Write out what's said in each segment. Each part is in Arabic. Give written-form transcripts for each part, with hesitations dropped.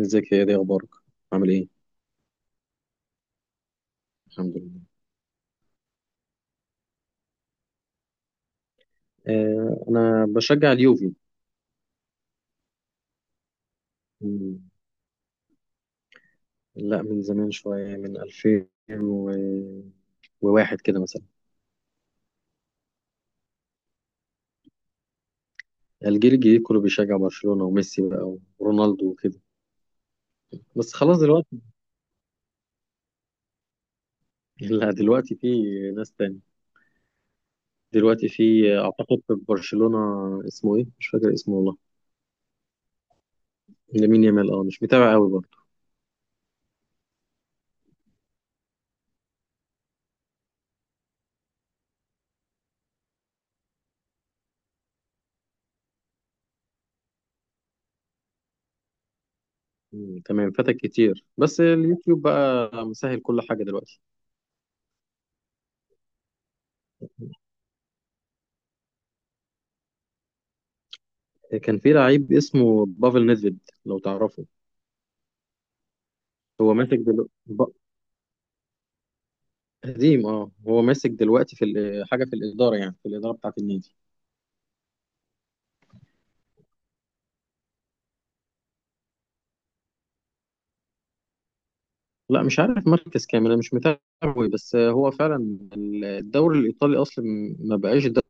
ازيك يا دي؟ اخبارك، عامل ايه؟ الحمد لله. آه، انا بشجع اليوفي. مم، لا، من زمان شويه، من 2001 كده مثلا. الجيل الجديد كله بيشجع برشلونه وميسي بقى ورونالدو وكده، بس خلاص دلوقتي. لا، دلوقتي في ناس تاني. دلوقتي في اعتقد في برشلونه، اسمه ايه، مش فاكر اسمه والله. لامين يامال، مش متابع قوي برضه. مم، تمام، فاتك كتير، بس اليوتيوب بقى مسهل كل حاجه دلوقتي. كان في لعيب اسمه بافل نيدفيد، لو تعرفه. هو ماسك دلوقتي. قديم، اه، هو ماسك دلوقتي في حاجه في الاداره، يعني في الاداره بتاعه النادي. لا، مش عارف مركز كامل، انا مش متابع قوي، بس هو فعلا الدوري الايطالي اصلا ما بقاش دوري،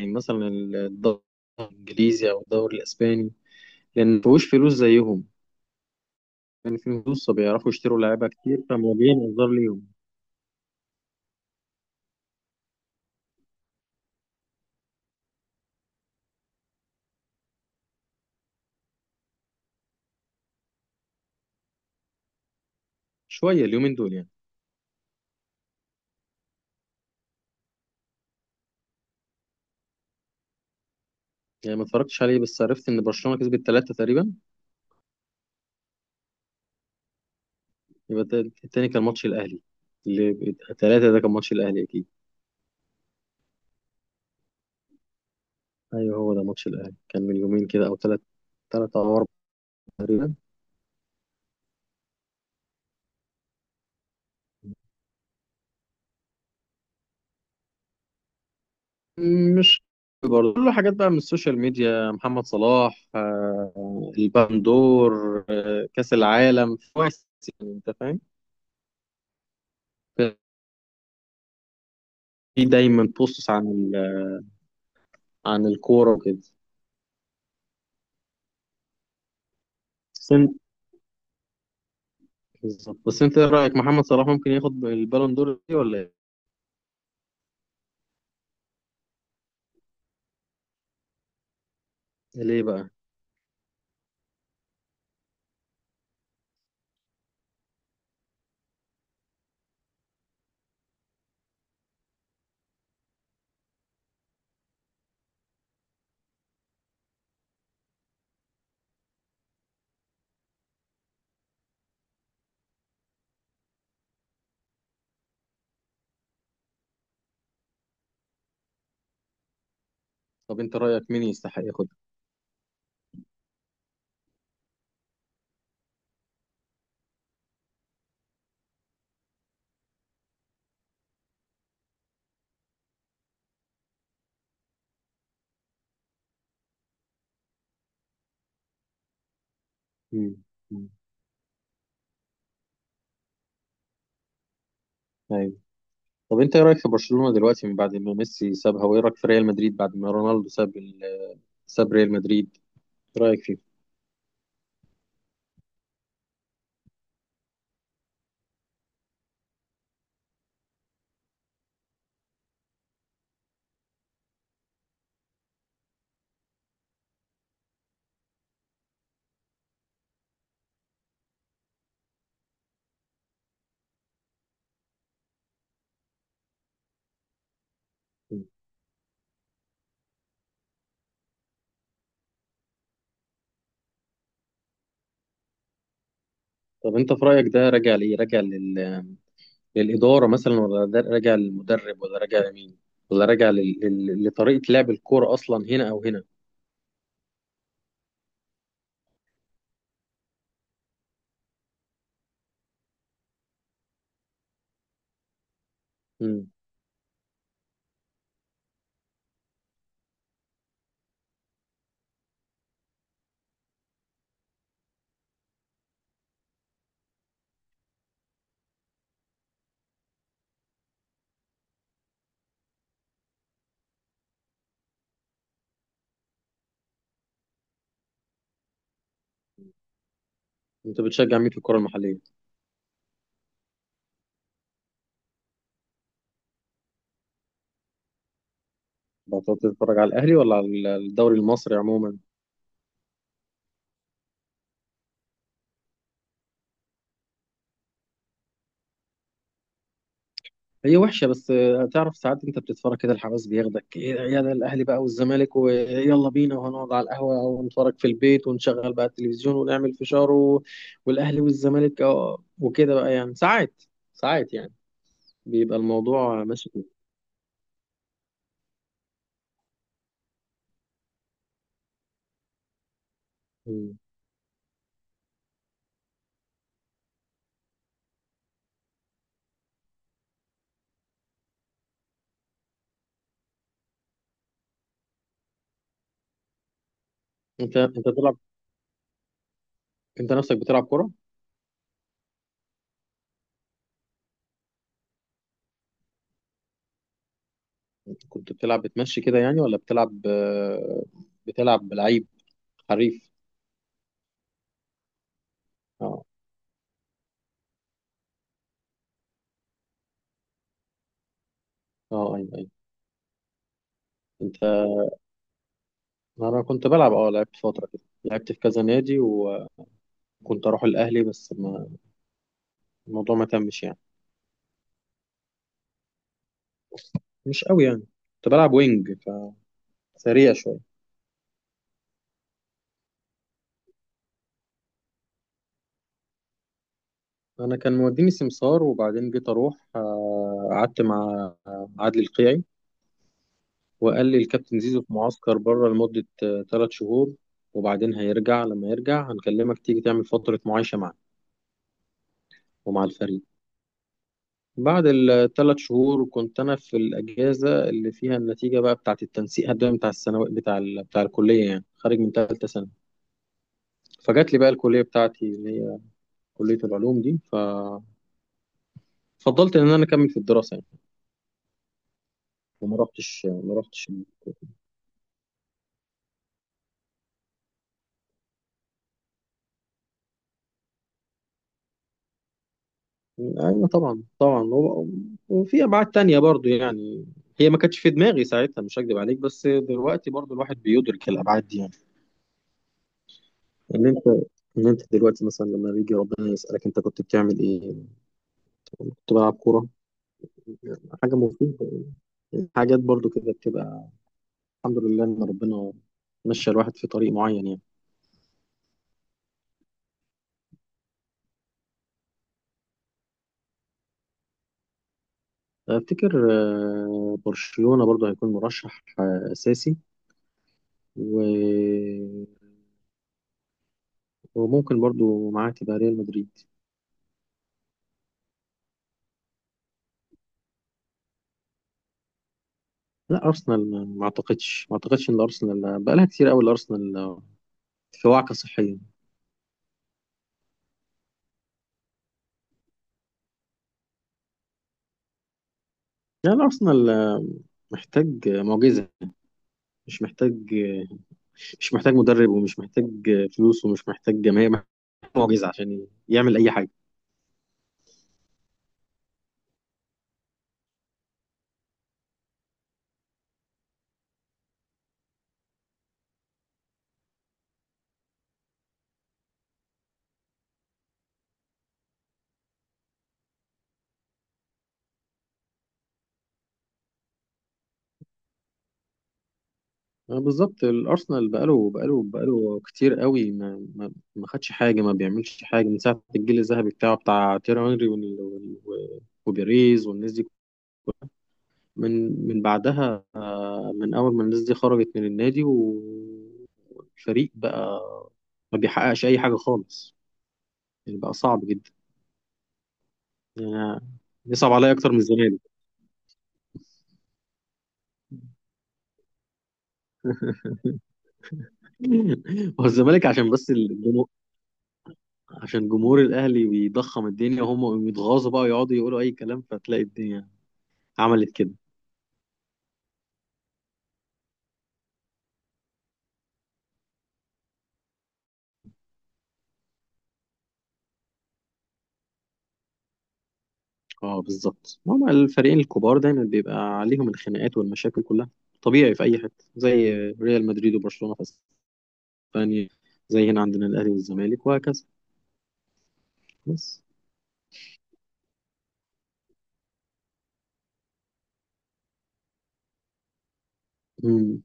يعني مثلا الدوري الانجليزي او الدوري الاسباني، لان ما فيهوش فلوس زيهم. كان في فلوس فبيعرفوا يشتروا لعيبه كتير، فموضوعين انذار ليهم. شويه اليومين دول يعني. يعني ما اتفرجتش عليه، بس عرفت ان برشلونه كسبت 3 تقريبا. يبقى التاني كان ماتش الأهلي، اللي 3 ده كان ماتش الأهلي أكيد. أيوه، هو ده ماتش الأهلي، كان من يومين كده أو 3 أو 4 تقريبا. مش برضه كله حاجات بقى من السوشيال ميديا، محمد صلاح، البندور، كأس العالم كويس، يعني أنت فاهم. في دايما بوستس عن عن الكورة وكده. بس أنت بالظبط، بس أنت إيه رأيك، محمد صلاح ممكن ياخد البالون دور دي ولا إيه؟ ليه بقى؟ طب أنت رأيك مين يستحق ياخدها؟ مم. مم. أيوه. طب انت ايه رايك في برشلونه دلوقتي من بعد ما ميسي سابها، وايه رايك في ريال مدريد بعد ما رونالدو ساب ريال مدريد، ايه رايك فيه؟ طب انت في رايك ده راجع لايه، راجع للاداره مثلا، ولا ده راجع للمدرب، ولا راجع لمين، ولا راجع لطريقه لعب الكوره اصلا هنا او هنا؟ مم. انت بتشجع مين في الكوره المحليه؟ بتقعد تتفرج على الاهلي، ولا على الدوري المصري عموما؟ هي وحشه، بس تعرف ساعات انت بتتفرج كده الحماس بياخدك، ايه ده، يا ده الاهلي بقى والزمالك، ويلا بينا، وهنقعد على القهوه ونتفرج في البيت ونشغل بقى التلفزيون ونعمل فشار والاهلي والزمالك، وكده بقى، يعني ساعات ساعات يعني بيبقى الموضوع ماشي كده. مم. انت بتلعب، انت نفسك بتلعب كوره؟ كنت بتلعب بتمشي كده يعني، ولا بتلعب، بتلعب لعيب حريف؟ اه، اه، ايوه، ايوه. انت انا كنت بلعب، اه، لعبت فتره كده، لعبت في كذا نادي، كنت اروح الاهلي بس ما الموضوع ما تمش يعني، مش قوي يعني. كنت بلعب وينج، فسريع شويه. انا كان موديني سمسار، وبعدين جيت اروح، قعدت مع عادل القيعي، وقال لي الكابتن زيزو في معسكر بره لمده 3 شهور، وبعدين هيرجع، لما يرجع هنكلمك تيجي تعمل فتره معايشه معنا ومع الفريق. بعد الـ3 شهور كنت انا في الاجازه اللي فيها النتيجه بقى، بتاعه التنسيق، الدوري بتاع الثانوي، بتاع بتاع الكليه يعني، خارج من ثالثه سنه. فجات لي بقى الكلية بتاعتي، اللي هي كلية العلوم دي، ففضلت إن أنا أكمل في الدراسة يعني، وما رحتش، ما رحتش. أيوة، طبعا طبعا، وفي أبعاد تانية برضو يعني، هي ما كانتش في دماغي ساعتها، مش هكدب عليك، بس دلوقتي برضو الواحد بيدرك الأبعاد دي يعني. إن أنت إن أنت دلوقتي مثلا لما بيجي ربنا يسألك، أنت كنت بتعمل إيه؟ كنت بلعب كورة، حاجة مفيدة يعني. حاجات برضو كده بتبقى الحمد لله إن ربنا مشى الواحد في طريق معين يعني. افتكر، برشلونة برضو هيكون مرشح، اساسي، و- وممكن برضو معاه تبقى ريال مدريد. لا، ارسنال، ما اعتقدش ان ارسنال بقالها كتير قوي، الارسنال في وعكة صحية. يعني الارسنال، محتاج معجزة، مش محتاج آه، مش محتاج مدرب، ومش محتاج فلوس، ومش محتاج جماهير، محتاج معجزة عشان يعمل اي حاجة. بالظبط، الارسنال بقاله كتير قوي، ما خدش حاجه، ما بيعملش حاجه من ساعه الجيل الذهبي بتاع تيري هنري وبيريز والناس دي. من بعدها، من اول ما الناس دي خرجت من النادي والفريق بقى ما بيحققش اي حاجه خالص، يعني بقى صعب جدا يعني، يصعب عليا اكتر من الزمالك. هو الزمالك عشان بس الجمهور، عشان جمهور الاهلي بيضخم الدنيا، وهم يتغاظوا بقى ويقعدوا يقولوا اي كلام، فتلاقي الدنيا عملت كده. اه، بالظبط، ما هما الفريقين الكبار دايما بيبقى عليهم الخناقات والمشاكل كلها، طبيعي في اي حته، زي ريال مدريد وبرشلونه في اسبانيا، زي هنا عندنا الاهلي والزمالك، وهكذا. بس. مم.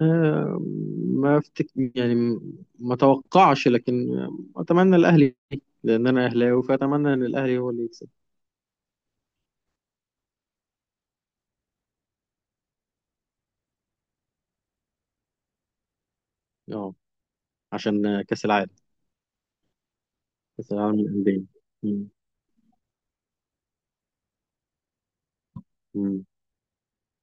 آه، ما افتك يعني، ما اتوقعش، لكن اتمنى الاهلي، لان انا اهلاوي، فاتمنى ان الاهلي هو اللي يكسب. اه، عشان كاس العالم، كاس العالم للانديه. مم. مم.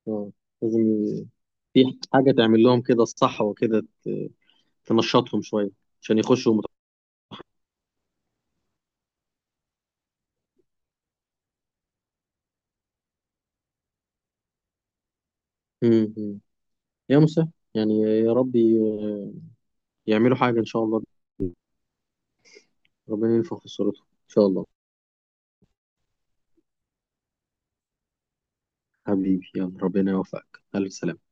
اه، لازم في حاجه تعمل لهم كده الصح وكده، تنشطهم شويه، عشان يخشوا مم. مم. يا مسهل، يعني يا رب يعملوا حاجه ان شاء الله، ربنا ينفخ في صورتهم ان شاء الله. حبيبي، يلا، ربنا يوفقك، الف سلامه.